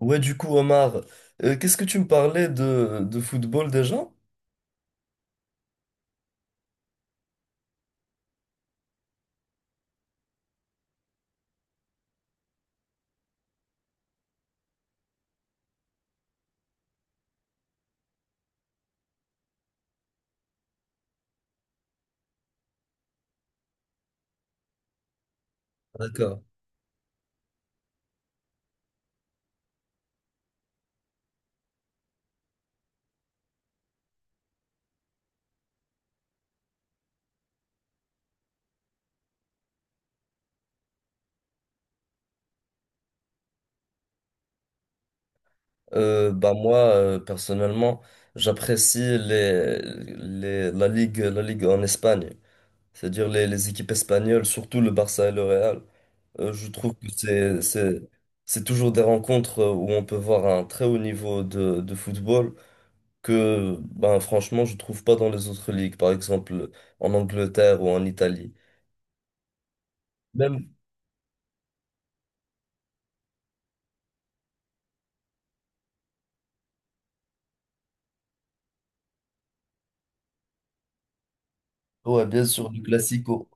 Ouais, du coup, Omar, qu'est-ce que tu me parlais de football déjà? D'accord. Bah moi, personnellement, j'apprécie la ligue en Espagne, c'est-à-dire les équipes espagnoles, surtout le Barça et le Real. Je trouve que c'est toujours des rencontres où on peut voir un très haut niveau de football que, ben, franchement, je trouve pas dans les autres ligues, par exemple en Angleterre ou en Italie. Même, ouais, bien sûr, le Classico.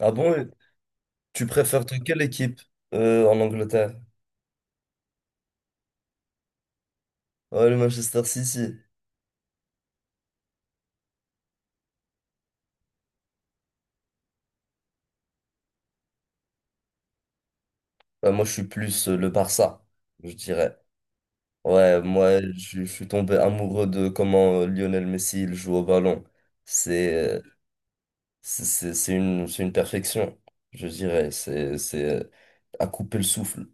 Ah bon? Tu préfères de quelle équipe en Angleterre? Ouais, le Manchester City. Bah, moi, je suis plus le Barça, je dirais. Ouais, moi, je suis tombé amoureux de comment Lionel Messi il joue au ballon. C'est euh, c'est une perfection, je dirais. C'est à couper le souffle.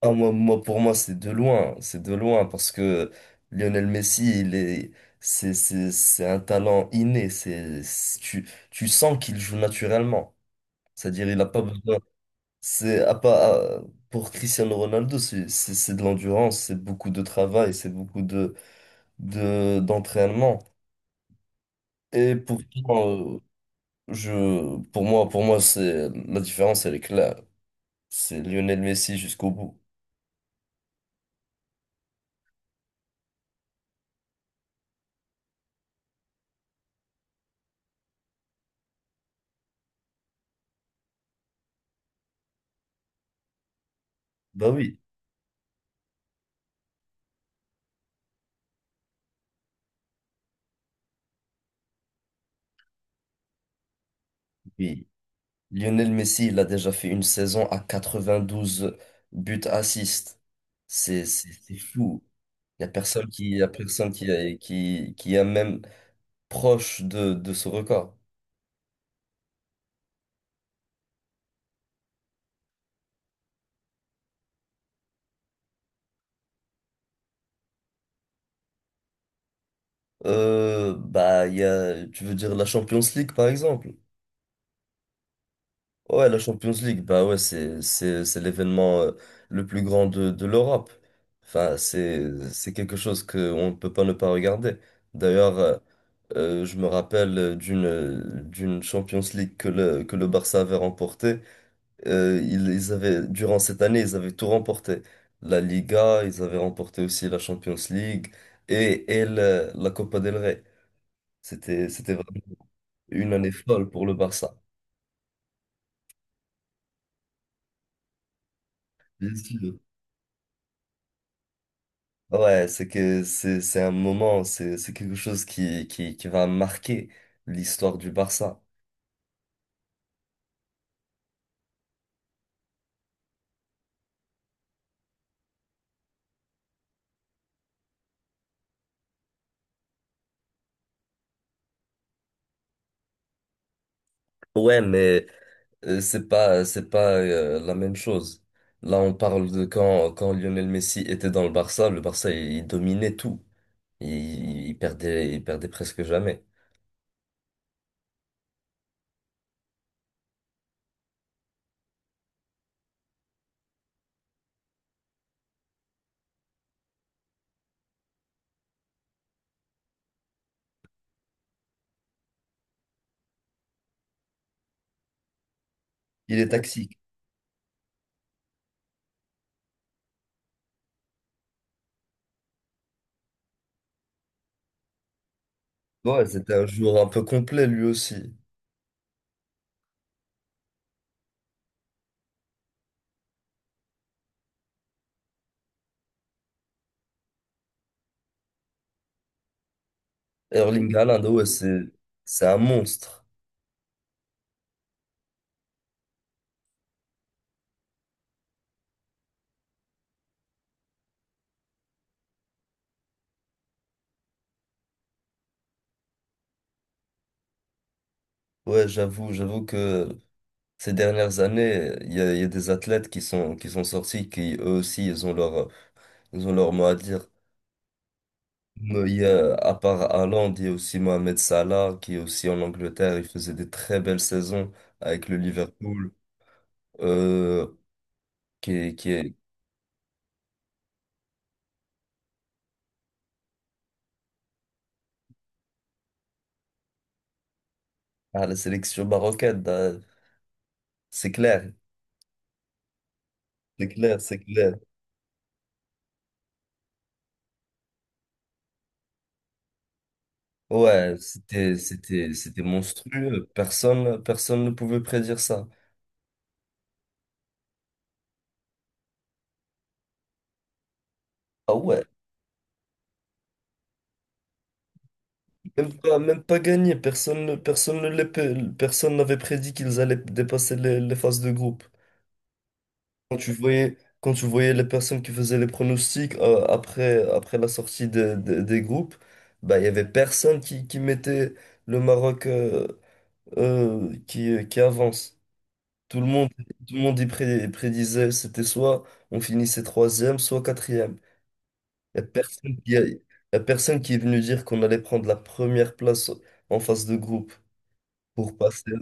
Ah, pour moi, c'est de loin. C'est de loin parce que Lionel Messi, il est, c'est un talent inné. Tu sens qu'il joue naturellement. C'est-à-dire, il n'a pas besoin. C'est à pas à- Pour Cristiano Ronaldo, c'est de l'endurance, c'est beaucoup de travail, c'est beaucoup de d'entraînement. Et pourtant, pour moi, c'est la différence, elle est claire. C'est Lionel Messi jusqu'au bout. Bah oui, oui. Lionel Messi, il a déjà fait une saison à 92 buts assists. C'est fou. Il y a personne qui est même proche de ce record. Bah, tu veux dire la Champions League, par exemple? Ouais, la Champions League, bah ouais, c'est l'événement le plus grand de l'Europe. Enfin, c'est quelque chose qu'on ne peut pas ne pas regarder. D'ailleurs, je me rappelle d'une Champions League que le Barça avait remportée. Ils avaient, durant cette année, ils avaient tout remporté. La Liga, ils avaient remporté aussi la Champions League et la Copa del Rey. C'était une année folle pour le Barça. Bien sûr. Ouais, c'est un moment, c'est quelque chose qui va marquer l'histoire du Barça. Ouais, mais c'est pas la même chose. Là, on parle de quand Lionel Messi était dans le Barça il dominait tout. Il perdait presque jamais. Il est toxique. Ouais, c'était un joueur un peu complet lui aussi. Erling Haaland, ouais, c'est un monstre. Ouais, j'avoue que ces dernières années, il y a des athlètes qui sont sortis, qui eux aussi, ils ont leur mot à dire. Mais à part Haaland, il y a aussi Mohamed Salah, qui est aussi en Angleterre, il faisait des très belles saisons avec le Liverpool, euh, qui est à la sélection marocaine. C'est clair, c'est clair, c'est clair. Ouais, c'était monstrueux. Personne ne pouvait prédire ça. Ah ouais. Même pas gagné. Personne ne les, pe- personne n'avait prédit qu'ils allaient dépasser les phases de groupe. Quand tu voyais les personnes qui faisaient les pronostics après la sortie des groupes, bah, il y avait personne qui mettait le Maroc qui avance. Tout le monde, tout le monde y prédisait, c'était soit on finissait troisième, soit quatrième. Il n'y a personne qui a- y a personne qui est venu dire qu'on allait prendre la première place en phase de groupe pour passer.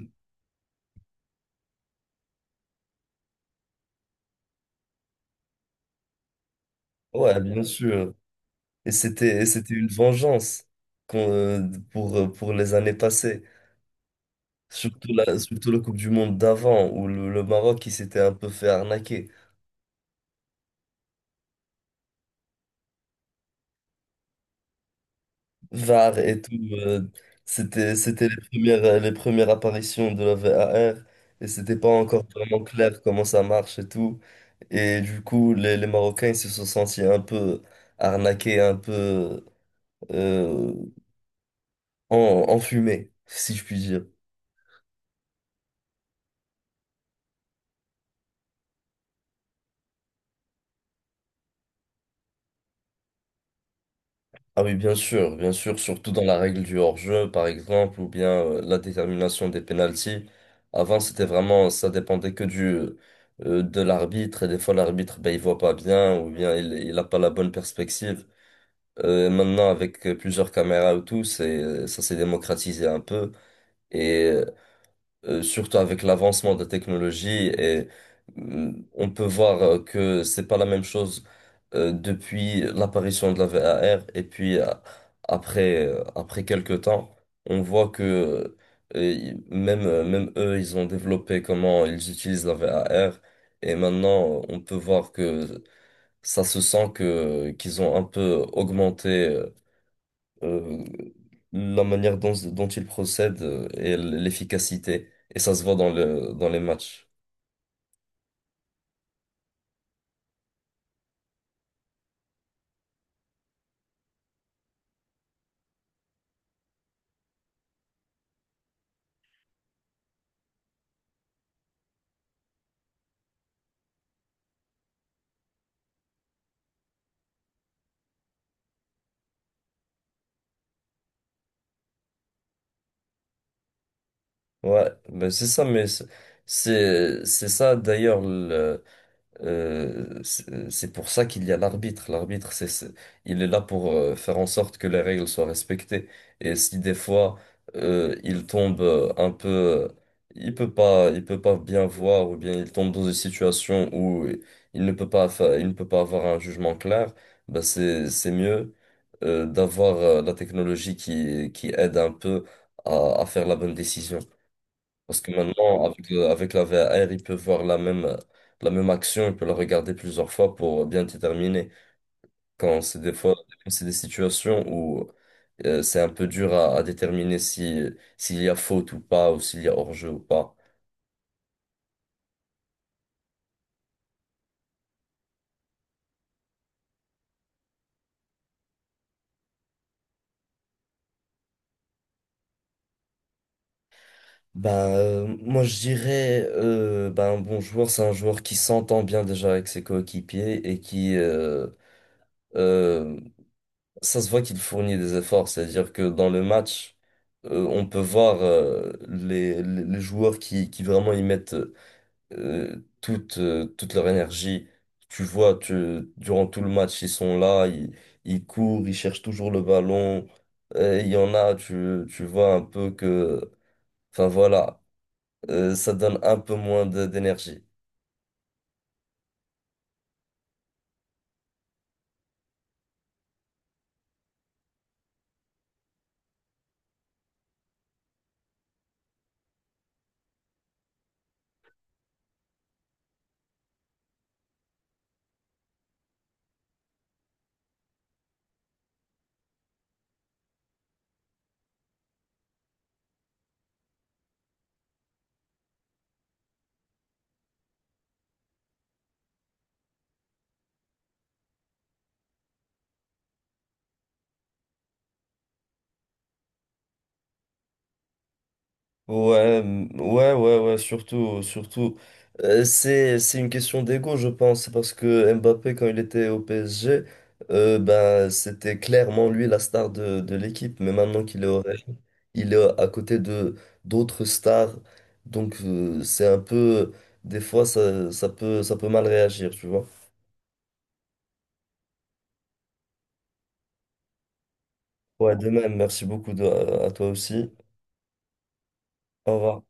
Ouais, bien sûr. Et c'était une vengeance qu'on- euh, pour les années passées. Surtout la Coupe du Monde d'avant, où le Maroc, il s'était un peu fait arnaquer. VAR et tout. C'était les premières apparitions de la VAR, et c'était pas encore vraiment clair comment ça marche et tout. Et du coup, les Marocains, ils se sont sentis un peu arnaqués, un peu euh, enfumés, si je puis dire. Ah oui, bien sûr, surtout dans la règle du hors-jeu, par exemple, ou bien la détermination des pénaltys. Avant, c'était vraiment, ça dépendait que de l'arbitre, et des fois, l'arbitre, ben, il voit pas bien, ou bien il a pas la bonne perspective. Maintenant, avec plusieurs caméras ou tout, ça s'est démocratisé un peu. Et surtout avec l'avancement de la technologie et on peut voir que c'est pas la même chose depuis l'apparition de la VAR et puis après quelques temps on voit que même eux ils ont développé comment ils utilisent la VAR et maintenant on peut voir que ça se sent que qu'ils ont un peu augmenté euh, la manière dont il procède et l'efficacité. Et ça se voit dans dans les matchs. Ouais, ben c'est ça, mais c'est ça d'ailleurs. C'est pour ça qu'il y a l'arbitre. L'arbitre, il est là pour faire en sorte que les règles soient respectées. Et si des fois il tombe un peu, il peut pas bien voir, ou bien il tombe dans une situation où il ne peut pas avoir un jugement clair, bah c'est mieux d'avoir la technologie qui aide un peu à faire la bonne décision. Parce que maintenant, avec la VAR, ils peuvent voir la même action, ils peuvent la regarder plusieurs fois pour bien déterminer. Quand c'est des fois, c'est des situations où c'est un peu dur à déterminer si, s'il y a faute ou pas, ou s'il y a hors-jeu ou pas. Ben, moi, je dirais, ben, un bon joueur, c'est un joueur qui s'entend bien déjà avec ses coéquipiers. Euh, Ça se voit qu'il fournit des efforts, c'est-à-dire que dans le match, on peut voir les joueurs qui vraiment y mettent toute leur énergie. Tu vois, durant tout le match, ils sont là, ils courent, ils cherchent toujours le ballon. Il y en a, tu vois un peu que, enfin voilà, ça donne un peu moins d'énergie. Ouais, mm, ouais, ouais, ouais, surtout, surtout. C'est une question d'ego, je pense, parce que Mbappé, quand il était au PSG, ben, c'était clairement lui la star de l'équipe. Mais maintenant qu'il est, ouais. Il est à côté de d'autres stars, donc c'est un peu, des fois, ça peut mal réagir, tu vois. Ouais, de même, merci beaucoup à toi aussi. Au revoir.